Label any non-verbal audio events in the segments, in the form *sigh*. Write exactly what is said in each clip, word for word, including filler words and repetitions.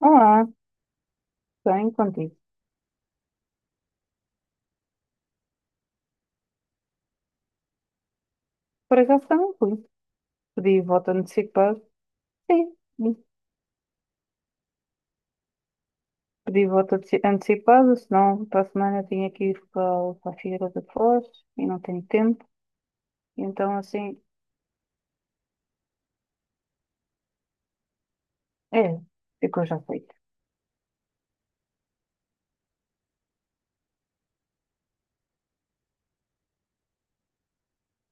Olá, bem contigo. Por acaso também fui. Pedi voto antecipado. Sim, pedi voto anteci- antecipado, senão para a semana eu tinha que ir para, o- para a Figueira da Foz e não tenho tempo. Então assim, é, ficou já feito.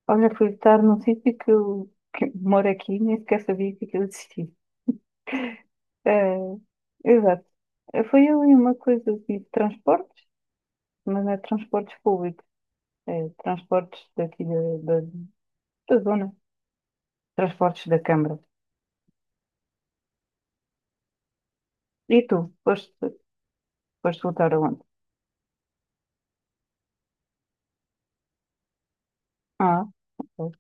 Olha, fui votar num sítio que eu que moro aqui, nem sequer sabia que aquilo existia. É, exato. Eh, Foi ali uma coisa assim de transportes, mas não é transportes públicos, é transportes daqui da, da, da zona, transportes da Câmara. E tu? Foste, foste votar aonde? Ah, pois.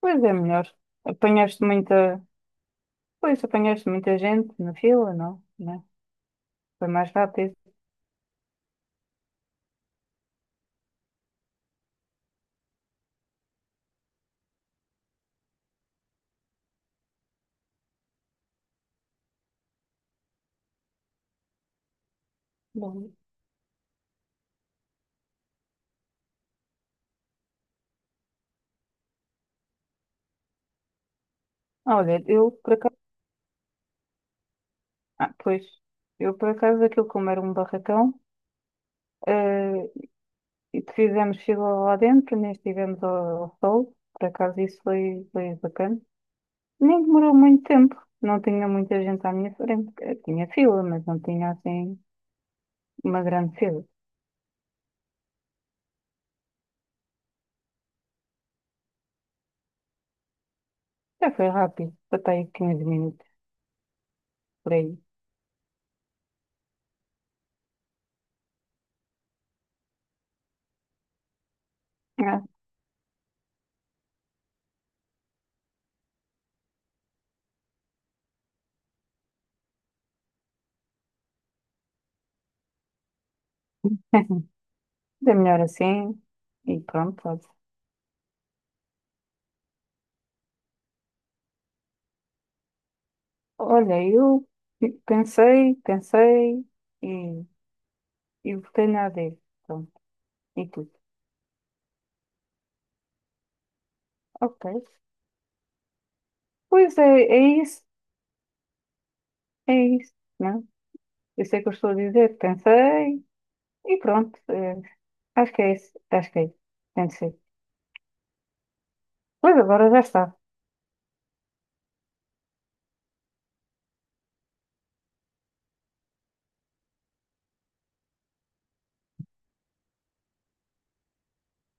Pois é melhor. Apanhaste muita. Pois, apanhaste muita gente na fila, não? Né? Foi mais rápido. Bom. Ah, olha, eu por acaso. Ah, pois. Eu por acaso, aquilo como era um barracão, eh, e fizemos fila lá dentro, nem estivemos ao, ao sol. Por acaso, isso foi, foi bacana. Nem demorou muito tempo. Não tinha muita gente à minha frente. Eh, Tinha fila, mas não tinha assim uma grande fila. Já foi rápido. Até aí quinze minutos. Por aí. É. *laughs* É melhor assim. E pronto, pode. Olha, eu pensei, pensei e, e votei na A D. Pronto, e tudo. Ok. Pois é, é isso, é isso, não? Eu sei o que eu estou a dizer, pensei e pronto. É, acho que é isso, acho que é isso. Tem de ser. Pois agora já está.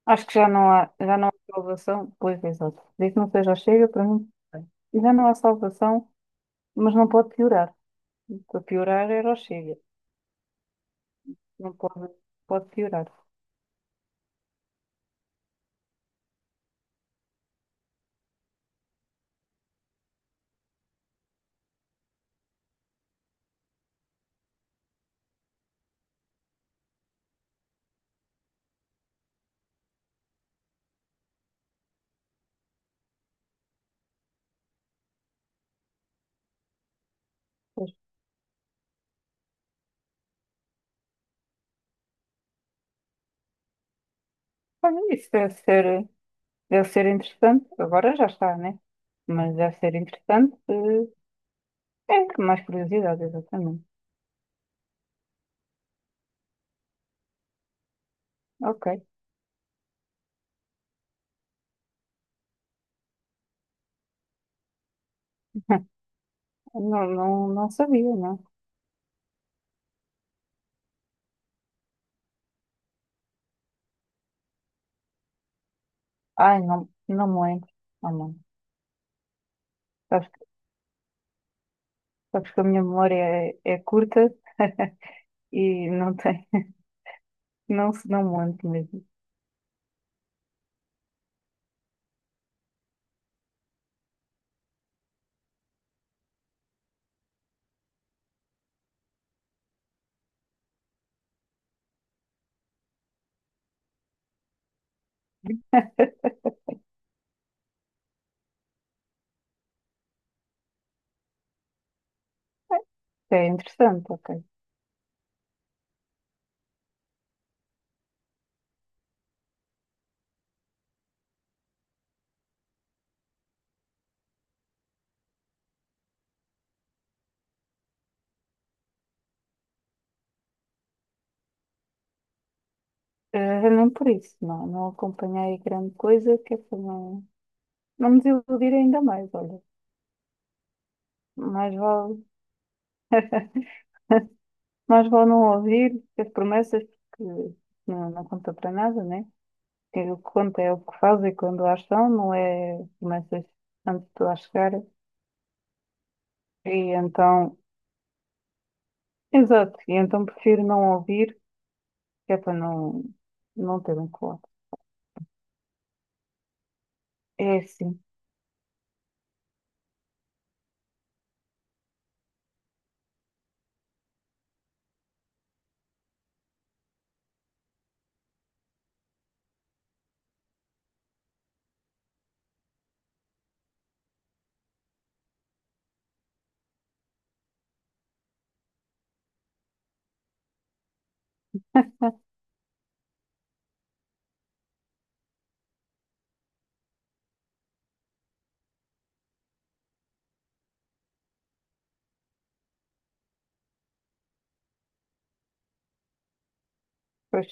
Acho que já não há, já não há salvação. Pois, exato. Desde que não seja o Chega, para mim, bem. Já não há salvação, mas não pode piorar. Para piorar era o Chega. Não pode, pode piorar. Pois. Olha, isso deve ser, deve ser interessante. Agora já está, né? Mas deve ser interessante. eh, É, mais curiosidade, exatamente. Ok. *laughs* Não, não, não sabia, não. Ai, não, não me lembro. Ah, não. Sabes, que sabes que a minha memória é, é curta e não tem, *laughs* não, se- não me lembro mesmo. *laughs* É interessante, ok. Eh, não por isso, não, não acompanhei grande coisa, que é para não, não me desiludir ainda mais, olha. Mais vale. Mais vale não ouvir as promessas, porque não, não conta para nada, né? Que o que conta é o que faz e quando as são, não é promessas antes de tu lá chegar. E então, exato, e então prefiro não ouvir, que é para não, não ter um colado. É assim, pois,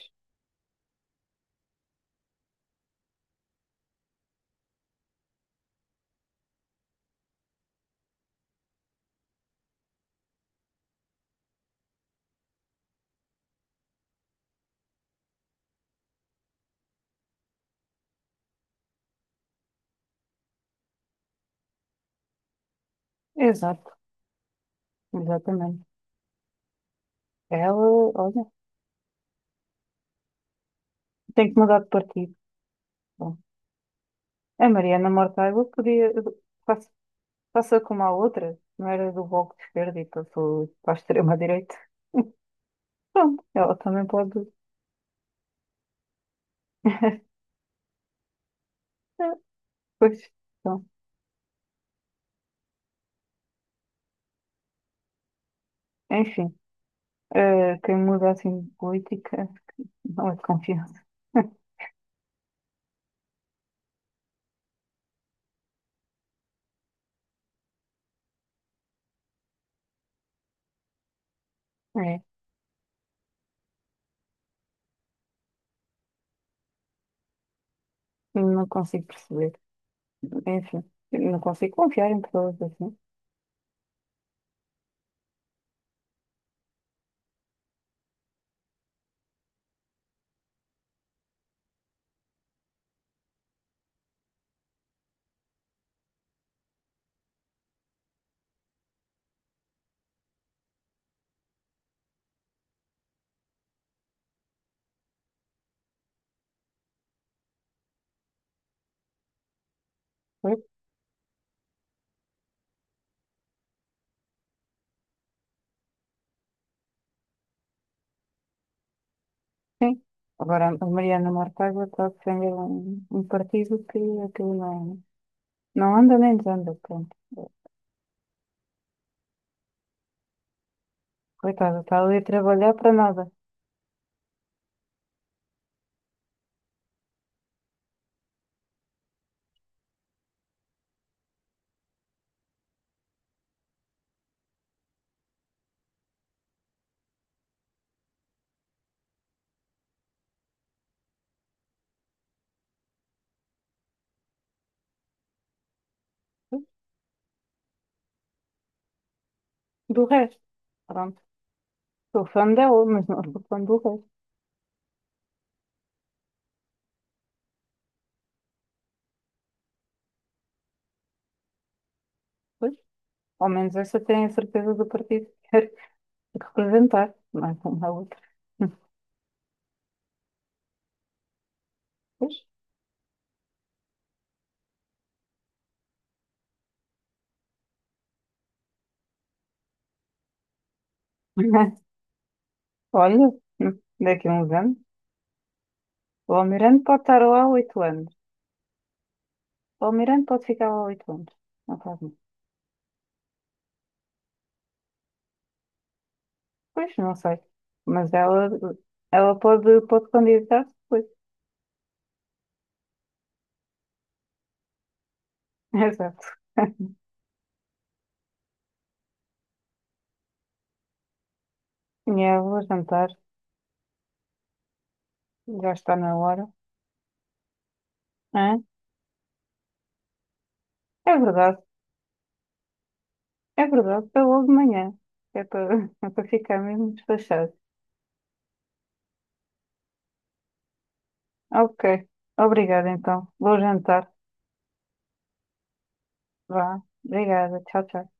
exato, exatamente. Ela, olha, tem que mudar de partido. Bom, a Mariana Mortágua podia, passa, passa como a outra, não era do Bloco de Esquerda e passou para a extrema-direita. Pronto, ela também pode. É, pois, então, enfim, eh, quem muda assim de política não é de confiança. *laughs* É, não consigo perceber. Enfim, não consigo confiar em pessoas assim. Pois, sim. Agora, a Mariana Mortágua está a defender um, um partido que aquilo não, não anda nem desanda. Pronto. Coitada, está ali a trabalhar para nada. Do resto, pronto. Sou fã dela, mas não sou fã do resto. Pois, ao menos essa tem a certeza do partido. Tem que representar, mais uma outra. Pois. *laughs* Olha, daqui a uns anos. O Almirante pode estar lá há oito anos. O Almirante pode ficar lá há oito anos. Não faz mal. Pois, não sei. Mas ela, ela pode, pode candidatar-se depois. *laughs* Exato. Minha avó jantar. Já está na hora. Hã? É verdade. É verdade. É logo de manhã. É para, *laughs* é para ficar mesmo despachado. Ok. Obrigada, então. Vou jantar. Vá. Obrigada. Tchau, tchau.